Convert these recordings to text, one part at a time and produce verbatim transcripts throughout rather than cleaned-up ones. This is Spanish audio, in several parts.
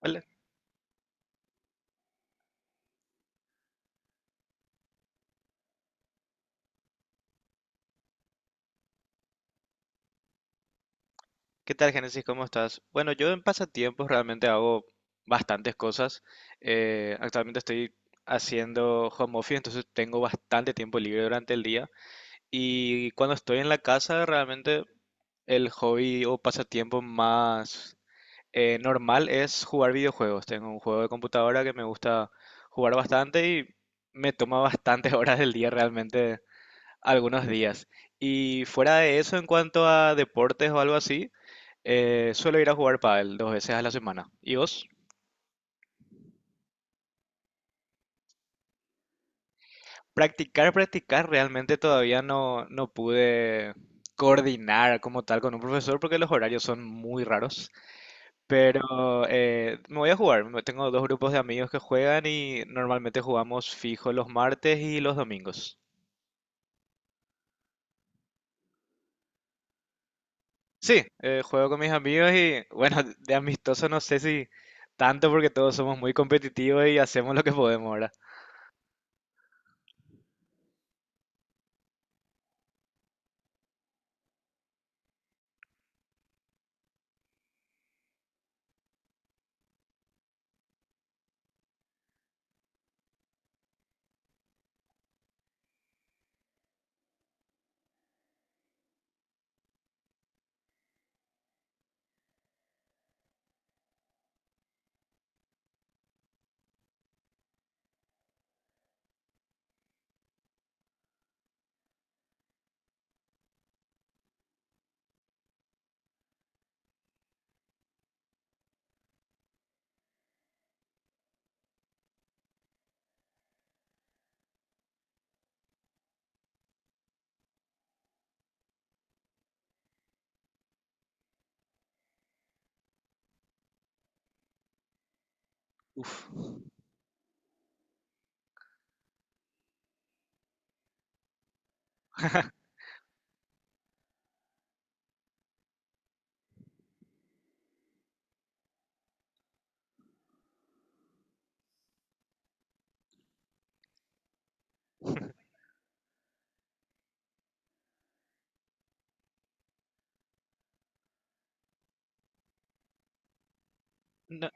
Hola, ¿qué tal, Génesis? ¿Cómo estás? Bueno, yo en pasatiempos realmente hago bastantes cosas. Eh, actualmente estoy haciendo home office, entonces tengo bastante tiempo libre durante el día. Y cuando estoy en la casa, realmente el hobby o pasatiempo más eh, normal es jugar videojuegos. Tengo un juego de computadora que me gusta jugar bastante y me toma bastantes horas del día realmente algunos días. Y fuera de eso, en cuanto a deportes o algo así, Eh, suelo ir a jugar pádel dos veces a la semana. ¿Y vos? Practicar, practicar, realmente todavía no, no pude coordinar como tal con un profesor porque los horarios son muy raros. Pero eh, me voy a jugar. Me- Tengo dos grupos de amigos que juegan y normalmente jugamos fijo los martes y los domingos. Sí, eh, juego con mis amigos y bueno, de amistoso no sé si tanto porque todos somos muy competitivos y hacemos lo que podemos ahora. Uf, no,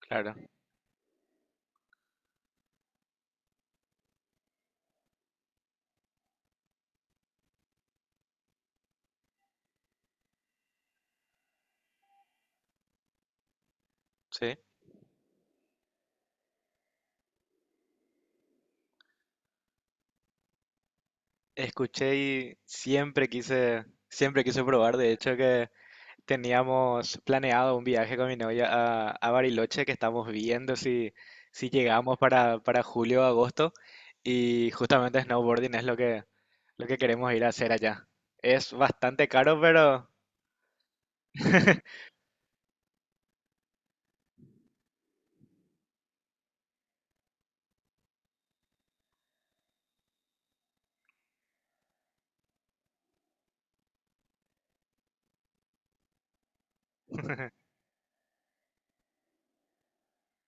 claro, sí. Escuché y siempre quise, siempre quise probar. De hecho, que teníamos planeado un viaje con mi novia a, a Bariloche, que estamos viendo si, si llegamos para, para julio o agosto. Y justamente snowboarding es lo que, lo que queremos ir a hacer allá. Es bastante caro, pero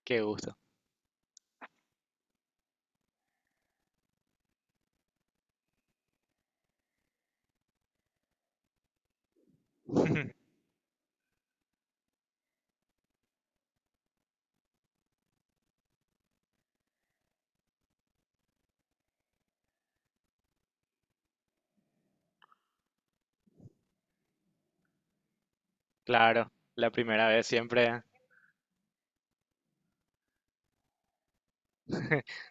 qué gusto. Claro, la primera vez siempre.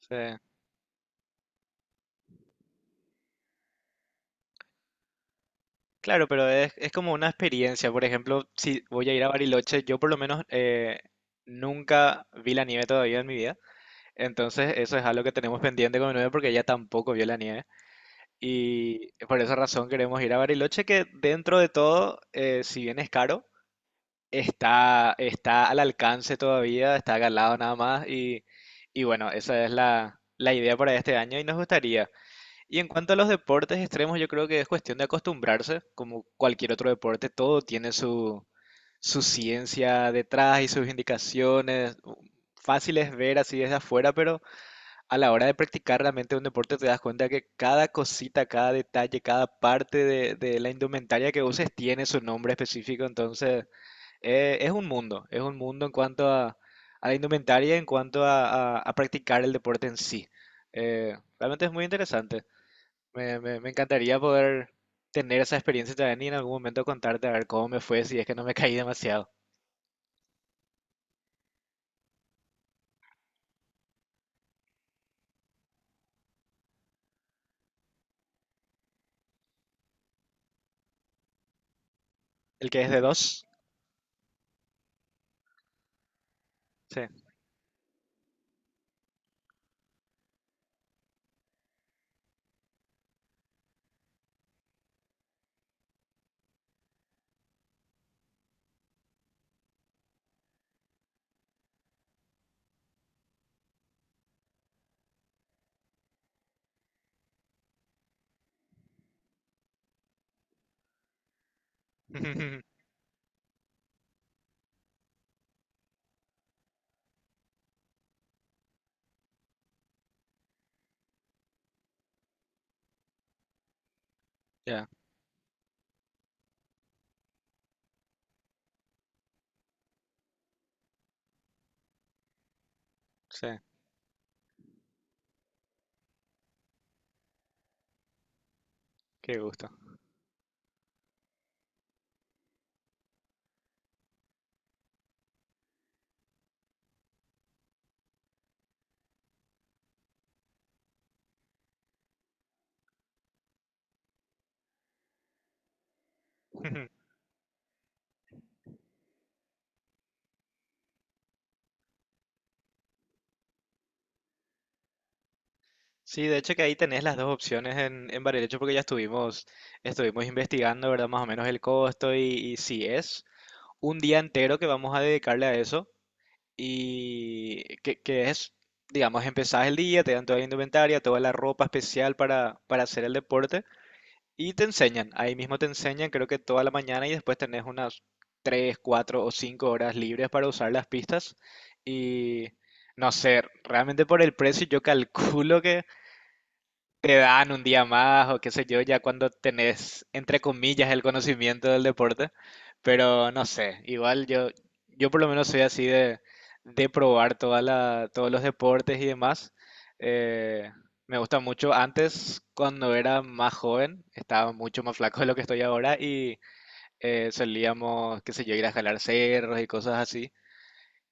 Sí. Claro, pero es, es como una experiencia. Por ejemplo, si voy a ir a Bariloche, yo por lo menos eh, nunca vi la nieve todavía en mi vida. Entonces, eso es algo que tenemos pendiente con mi novia porque ella tampoco vio la nieve. Y por esa razón queremos ir a Bariloche, que dentro de todo, eh, si bien es caro, está, está al alcance todavía, está acá al lado nada más. Y, y bueno, esa es la, la idea para este año y nos gustaría. Y en cuanto a los deportes extremos, yo creo que es cuestión de acostumbrarse, como cualquier otro deporte, todo tiene su, su ciencia detrás y sus indicaciones. Fácil es ver así desde afuera, pero a la hora de practicar realmente un deporte te das cuenta que cada cosita, cada detalle, cada parte de, de la indumentaria que uses tiene su nombre específico. Entonces, eh, es un mundo, es un mundo en cuanto a, a la indumentaria, en cuanto a, a- a practicar el deporte en sí. Eh, realmente es muy interesante. Me, me, me encantaría poder tener esa experiencia también y en algún momento contarte a ver cómo me fue si es que no me caí demasiado. ¿El que es de dos? Sí. Ya, sí. Qué gusto. Sí, de hecho que ahí tenés las dos opciones en, en Bariloche porque ya estuvimos, estuvimos investigando, ¿verdad? Más o menos el costo y, y si es un día entero que vamos a dedicarle a eso y que, que es, digamos, empezás el día, te dan toda la indumentaria, toda la ropa especial para, para hacer el deporte. Y te enseñan, ahí mismo te enseñan, creo que toda la mañana y después tenés unas tres cuatro o cinco horas libres para usar las pistas. Y no sé, realmente por el precio yo calculo que te dan un día más o qué sé yo, ya cuando tenés, entre comillas, el conocimiento del deporte, pero no sé, igual yo, yo por lo menos soy así de, de probar toda la, todos los deportes y demás. Eh, me gusta mucho. Antes, cuando era más joven, estaba mucho más flaco de lo que estoy ahora y eh, solíamos, qué sé yo, ir a jalar cerros y cosas así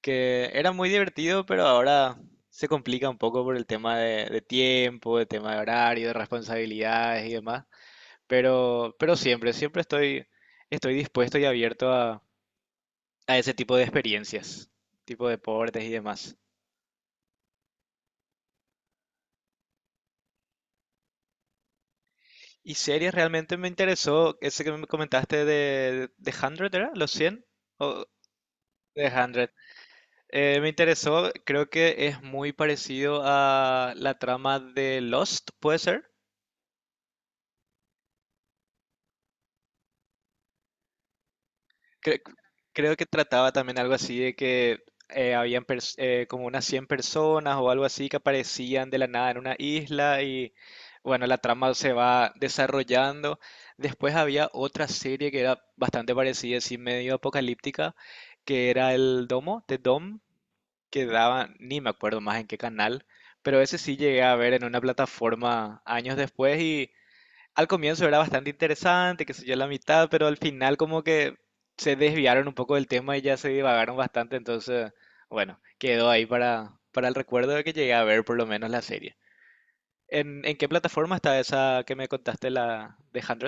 que era muy divertido, pero ahora se complica un poco por el tema de, de tiempo, de tema de horario, de responsabilidades y demás. Pero, pero siempre, siempre estoy, estoy dispuesto y abierto a, a ese tipo de experiencias, tipo de deportes y demás. Y series realmente me interesó, ese que me comentaste de, de cien, ¿era? ¿Los cien o de cien? Eh, me interesó, creo que es muy parecido a la trama de Lost, ¿puede ser? Cre- Creo que trataba también algo así de que eh, habían pers- eh, como unas cien personas o algo así que aparecían de la nada en una isla y bueno, la trama se va desarrollando. Después había otra serie que era bastante parecida, así medio apocalíptica, que era el Domo, The Dom, que daban, ni me acuerdo más en qué canal, pero ese sí llegué a ver en una plataforma años después. Al comienzo era bastante interesante, que sé yo, la mitad, pero al final como que se desviaron un poco del tema y ya se divagaron bastante, entonces, bueno, quedó ahí para, para el recuerdo de que llegué a ver por lo menos la serie. ¿En, en qué plataforma está esa que me contaste, la de cien?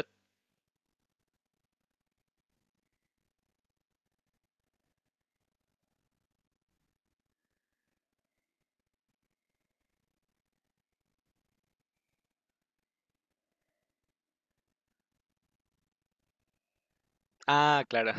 Ah, claro.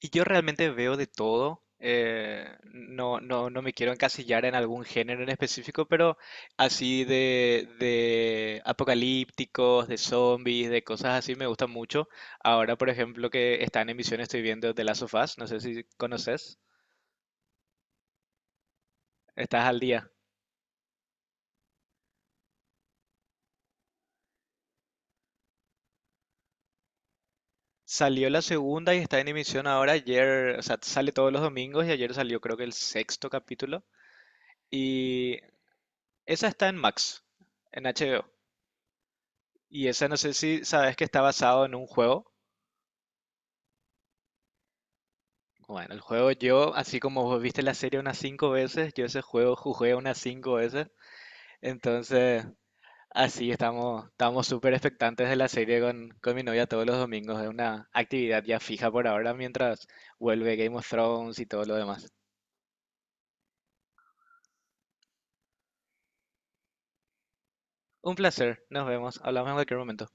Y yo realmente veo de todo. Eh, no, no, no me quiero encasillar en algún género en específico, pero así de, de apocalípticos, de zombies, de cosas así me gustan mucho. Ahora, por ejemplo, que está en emisión, estoy viendo The Last of Us. No sé si conoces. Estás al día. Salió la segunda y está en emisión ahora. Ayer, o sea, sale todos los domingos y ayer salió creo que el sexto capítulo. Y esa está en Max, en H B O. Y esa no sé si sabes que está basado en un juego. Bueno, el juego yo, así como vos viste la serie unas cinco veces, yo ese juego jugué unas cinco veces. Entonces, así estamos, estamos súper expectantes de la serie con, con mi novia todos los domingos. Es una actividad ya fija por ahora mientras vuelve Game of Thrones y todo lo demás. Un placer, nos vemos, hablamos en cualquier momento.